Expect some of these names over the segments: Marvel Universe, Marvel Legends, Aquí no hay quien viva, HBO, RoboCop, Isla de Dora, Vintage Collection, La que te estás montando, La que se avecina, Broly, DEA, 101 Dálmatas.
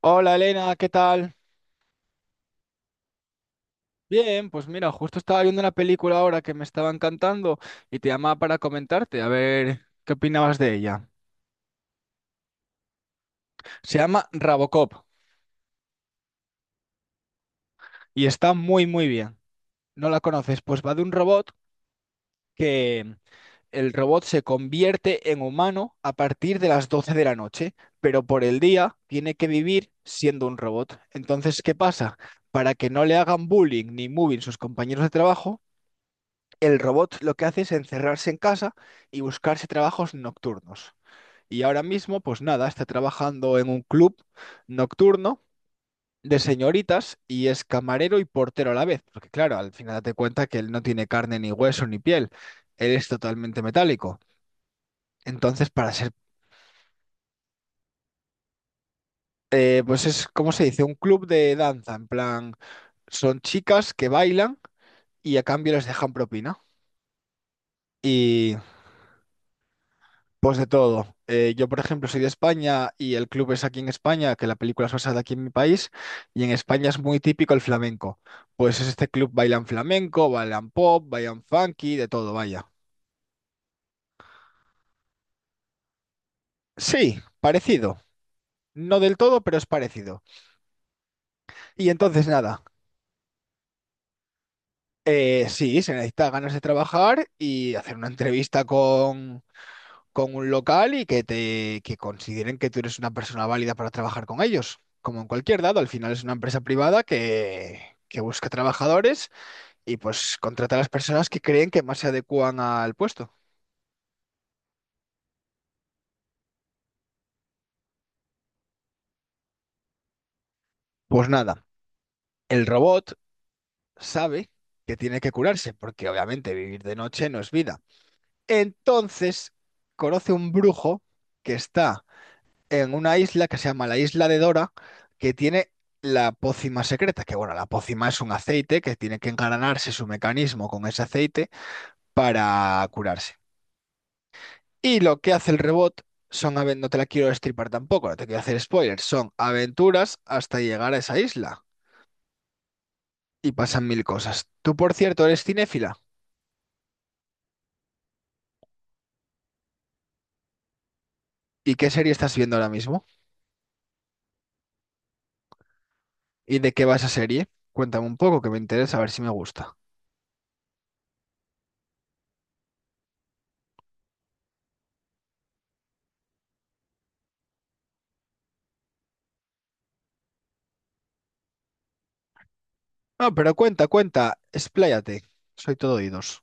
Hola Elena, ¿qué tal? Bien, pues mira, justo estaba viendo una película ahora que me estaba encantando y te llamaba para comentarte, a ver qué opinabas de ella. Se llama Robocop y está muy muy bien. ¿No la conoces? Pues va de un robot que el robot se convierte en humano a partir de las 12 de la noche, pero por el día tiene que vivir siendo un robot. Entonces, ¿qué pasa? Para que no le hagan bullying ni moving sus compañeros de trabajo, el robot lo que hace es encerrarse en casa y buscarse trabajos nocturnos. Y ahora mismo, pues nada, está trabajando en un club nocturno de señoritas y es camarero y portero a la vez, porque claro, al final date cuenta que él no tiene carne ni hueso ni piel, él es totalmente metálico. Entonces, para ser, pues es, ¿cómo se dice? Un club de danza, en plan, son chicas que bailan y a cambio les dejan propina. Y pues de todo. Yo, por ejemplo, soy de España y el club es aquí en España, que la película es basada aquí en mi país, y en España es muy típico el flamenco. Pues es este club bailan flamenco, bailan pop, bailan funky, de todo, vaya. Sí, parecido. No del todo, pero es parecido. Y entonces, nada, sí, se necesita ganas de trabajar y hacer una entrevista con un local y que consideren que tú eres una persona válida para trabajar con ellos. Como en cualquier dado, al final es una empresa privada que busca trabajadores y pues contrata a las personas que creen que más se adecúan al puesto. Pues nada, el robot sabe que tiene que curarse, porque obviamente vivir de noche no es vida. Entonces, conoce un brujo que está en una isla que se llama la Isla de Dora, que tiene la pócima secreta, que bueno, la pócima es un aceite que tiene que engranarse su mecanismo con ese aceite para curarse. Y lo que hace el rebot son, no te la quiero destripar tampoco, no te quiero hacer spoilers, son aventuras hasta llegar a esa isla y pasan mil cosas. Tú, por cierto, eres cinéfila. ¿Y qué serie estás viendo ahora mismo? ¿Y de qué va esa serie? Cuéntame un poco, que me interesa a ver si me gusta. No, pero cuenta, cuenta, expláyate. Soy todo oídos.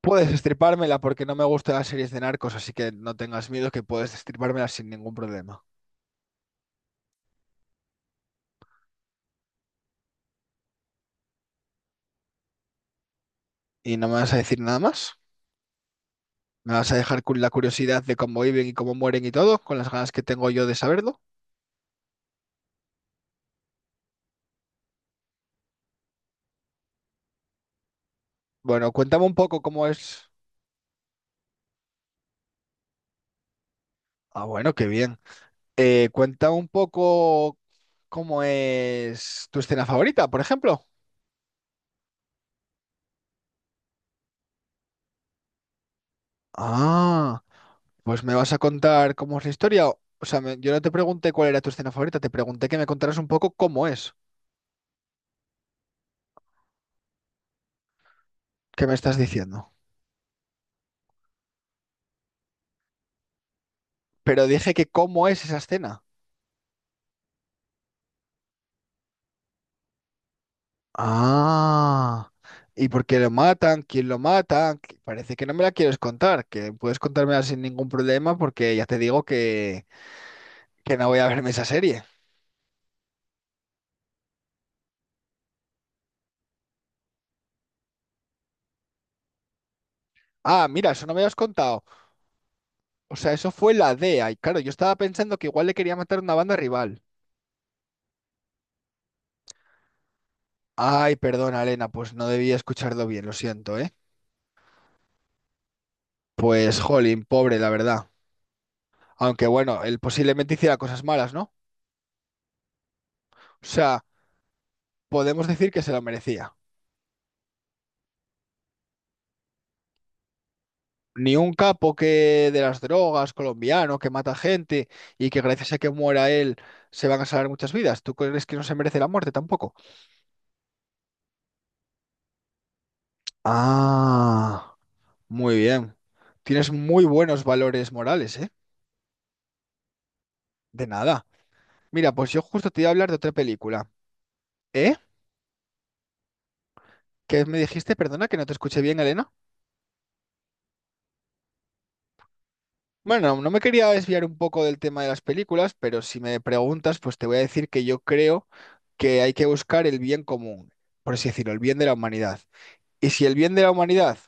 Puedes destripármela porque no me gustan las series de narcos, así que no tengas miedo que puedes destripármela sin ningún problema. ¿Y no me vas a decir nada más? ¿Me vas a dejar con la curiosidad de cómo viven y cómo mueren y todo, con las ganas que tengo yo de saberlo? Bueno, cuéntame un poco cómo es. Ah, bueno, qué bien. Cuéntame un poco cómo es tu escena favorita, por ejemplo. Ah, pues me vas a contar cómo es la historia. O sea, yo no te pregunté cuál era tu escena favorita, te pregunté que me contaras un poco cómo es. ¿Qué me estás diciendo? Pero dije que cómo es esa escena. Ah, ¿y por qué lo matan? ¿Quién lo mata? Que parece que no me la quieres contar, que puedes contármela sin ningún problema porque ya te digo que no voy a verme esa serie. Ah, mira, eso no me lo has contado. O sea, eso fue la DEA y claro, yo estaba pensando que igual le quería matar una banda rival. Ay, perdona, Elena, pues no debía escucharlo bien, lo siento, ¿eh? Pues, jolín, pobre, la verdad. Aunque bueno, él posiblemente hiciera cosas malas, ¿no? O sea, podemos decir que se lo merecía. Ni un capo que de las drogas, colombiano, que mata gente y que gracias a que muera él se van a salvar muchas vidas. ¿Tú crees que no se merece la muerte tampoco? Ah, muy bien. Tienes muy buenos valores morales, ¿eh? De nada. Mira, pues yo justo te iba a hablar de otra película. ¿Eh? ¿Qué me dijiste? Perdona que no te escuché bien, Elena. Bueno, no me quería desviar un poco del tema de las películas, pero si me preguntas, pues te voy a decir que yo creo que hay que buscar el bien común, por así decirlo, el bien de la humanidad. Y si el bien de la humanidad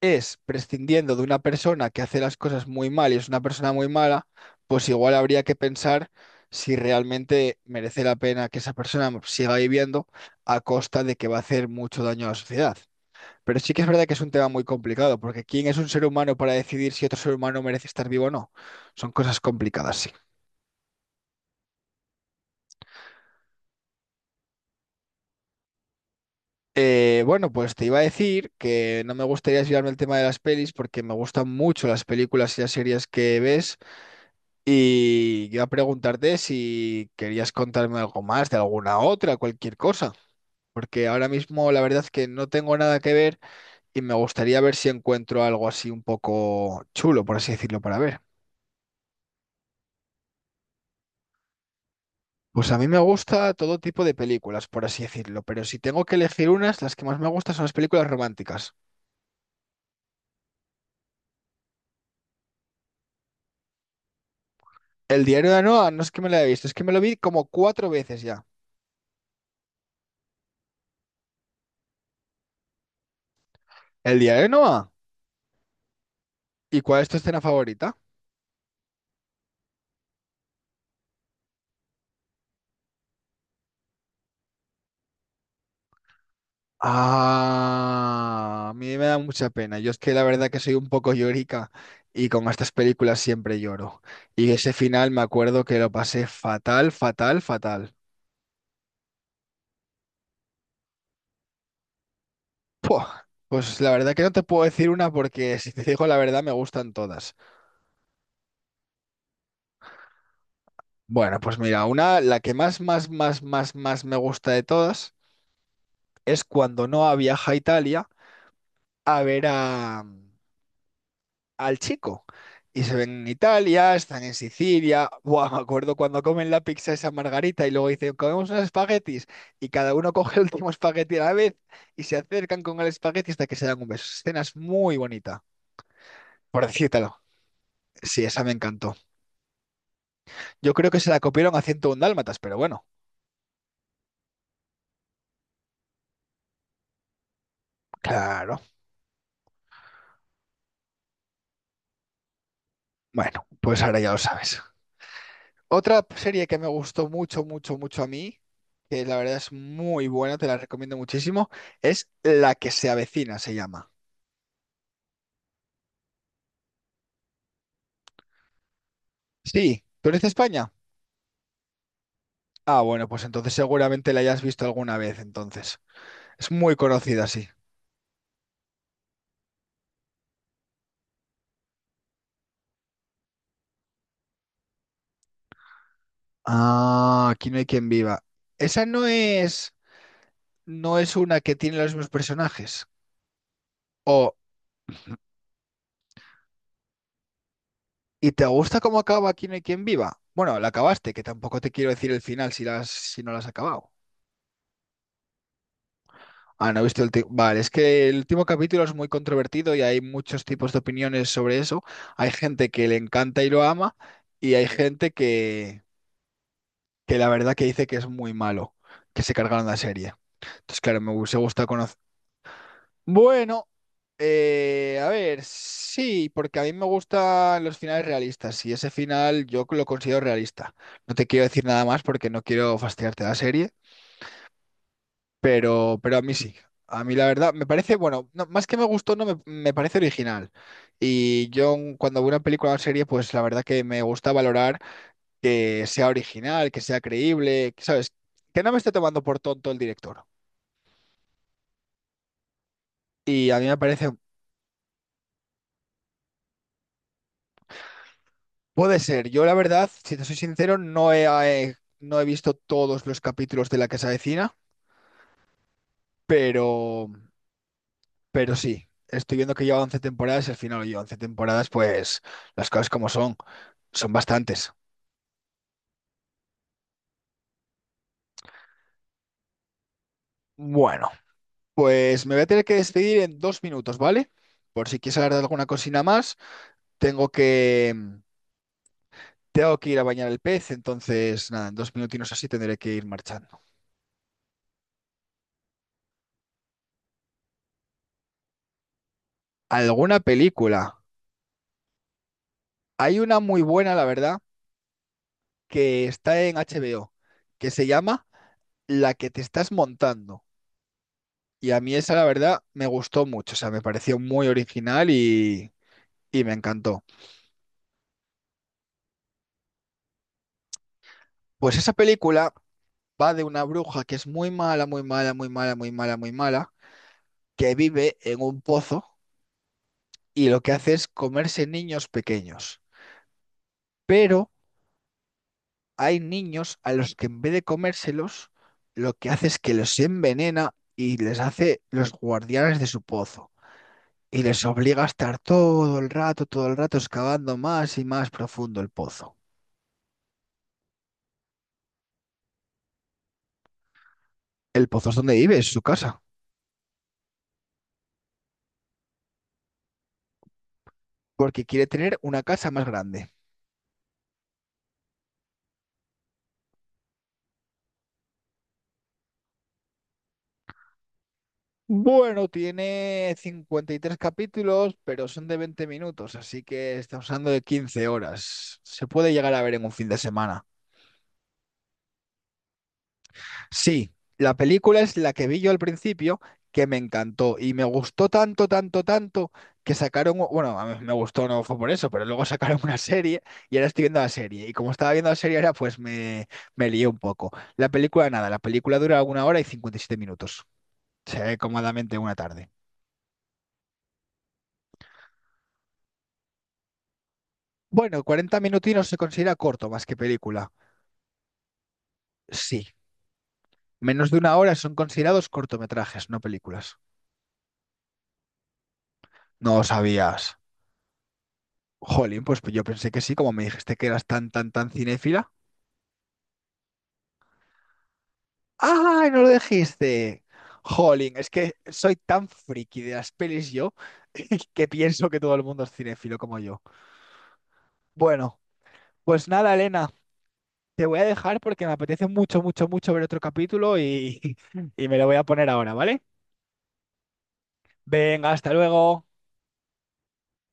es prescindiendo de una persona que hace las cosas muy mal y es una persona muy mala, pues igual habría que pensar si realmente merece la pena que esa persona siga viviendo a costa de que va a hacer mucho daño a la sociedad. Pero sí que es verdad que es un tema muy complicado, porque ¿quién es un ser humano para decidir si otro ser humano merece estar vivo o no? Son cosas complicadas, sí. Bueno, pues te iba a decir que no me gustaría desviarme el tema de las pelis porque me gustan mucho las películas y las series que ves. Y iba a preguntarte si querías contarme algo más de alguna otra, cualquier cosa, porque ahora mismo la verdad es que no tengo nada que ver y me gustaría ver si encuentro algo así un poco chulo, por así decirlo, para ver. Pues a mí me gusta todo tipo de películas, por así decirlo, pero si tengo que elegir unas, las que más me gustan son las películas románticas. El diario de Noah no es que me la haya visto, es que me lo vi como cuatro veces ya. ¿El diario de Noah? ¿Y cuál es tu escena favorita? Ah, a mí me da mucha pena. Yo es que la verdad que soy un poco llorica y con estas películas siempre lloro. Y ese final me acuerdo que lo pasé fatal, fatal, fatal. Puah, pues la verdad que no te puedo decir una porque si te digo la verdad me gustan todas. Bueno, pues mira, una, la que más, más, más, más, más me gusta de todas es cuando Noah viaja a Italia a ver al chico. Y se ven en Italia, están en Sicilia. Buah, me acuerdo cuando comen la pizza esa margarita y luego dicen, comemos unos espaguetis. Y cada uno coge el último espagueti a la vez y se acercan con el espagueti hasta que se dan un beso. Escena es muy bonita, por decírtelo. Sí, esa me encantó. Yo creo que se la copiaron a 101 Dálmatas, pero bueno, claro. Bueno, pues ahora ya lo sabes. Otra serie que me gustó mucho, mucho, mucho a mí, que la verdad es muy buena, te la recomiendo muchísimo, es La que se avecina, se llama. Sí, ¿tú eres de España? Ah, bueno, pues entonces seguramente la hayas visto alguna vez, entonces. Es muy conocida, sí. Ah, aquí no hay quien viva. Esa no es, no es una que tiene los mismos personajes. O, ¿y te gusta cómo acaba Aquí no hay quien viva? Bueno, la acabaste, que tampoco te quiero decir el final si no la has acabado. Ah, no he visto el último. Vale, es que el último capítulo es muy controvertido y hay muchos tipos de opiniones sobre eso. Hay gente que le encanta y lo ama, y hay gente que la verdad que dice que es muy malo, que se cargaron la serie. Entonces, claro, me hubiese gustado conocer. Bueno, a ver, sí, porque a mí me gustan los finales realistas y ese final yo lo considero realista. No te quiero decir nada más porque no quiero fastidiarte la serie, pero a mí sí. A mí la verdad me parece, bueno, no, más que me gustó, no me, me parece original. Y yo cuando veo una película o serie, pues la verdad que me gusta valorar que sea original, que sea creíble, que, ¿sabes? Que no me esté tomando por tonto el director. Y a mí me parece, puede ser. Yo la verdad, si te soy sincero, no he visto todos los capítulos de La Casa Vecina, pero, pero sí. Estoy viendo que lleva 11 temporadas y al final lleva 11 temporadas, pues las cosas como son, son bastantes. Bueno, pues me voy a tener que despedir en dos minutos, ¿vale? Por si quieres hablar de alguna cosina más, tengo que, tengo que ir a bañar el pez, entonces nada, en dos minutinos así tendré que ir marchando. ¿Alguna película? Hay una muy buena, la verdad, que está en HBO, que se llama La que te estás montando. Y a mí esa, la verdad, me gustó mucho, o sea, me pareció muy original y me encantó. Pues esa película va de una bruja que es muy mala, muy mala, muy mala, muy mala, muy mala, que vive en un pozo y lo que hace es comerse niños pequeños. Pero hay niños a los que en vez de comérselos, lo que hace es que los envenena y les hace los guardianes de su pozo. Y les obliga a estar todo el rato excavando más y más profundo el pozo. El pozo es donde vive, es su casa, porque quiere tener una casa más grande. Bueno, tiene 53 capítulos, pero son de 20 minutos, así que estamos hablando de 15 horas. Se puede llegar a ver en un fin de semana. Sí, la película es la que vi yo al principio, que me encantó y me gustó tanto, tanto, tanto que sacaron, bueno, a mí me gustó, no fue por eso, pero luego sacaron una serie y ahora estoy viendo la serie. Y como estaba viendo la serie ahora, me lié un poco. La película, nada, la película dura una hora y 57 minutos. Se ve cómodamente una tarde. Bueno, 40 minutinos se considera corto más que película. Sí, menos de una hora son considerados cortometrajes, no películas. No lo sabías. Jolín, pues yo pensé que sí, como me dijiste que eras tan, tan, tan cinéfila. ¡Ay, no lo dijiste! Jolín, es que soy tan friki de las pelis yo que pienso que todo el mundo es cinéfilo como yo. Bueno, pues nada, Elena, te voy a dejar porque me apetece mucho, mucho, mucho ver otro capítulo y me lo voy a poner ahora, ¿vale? Venga, hasta luego.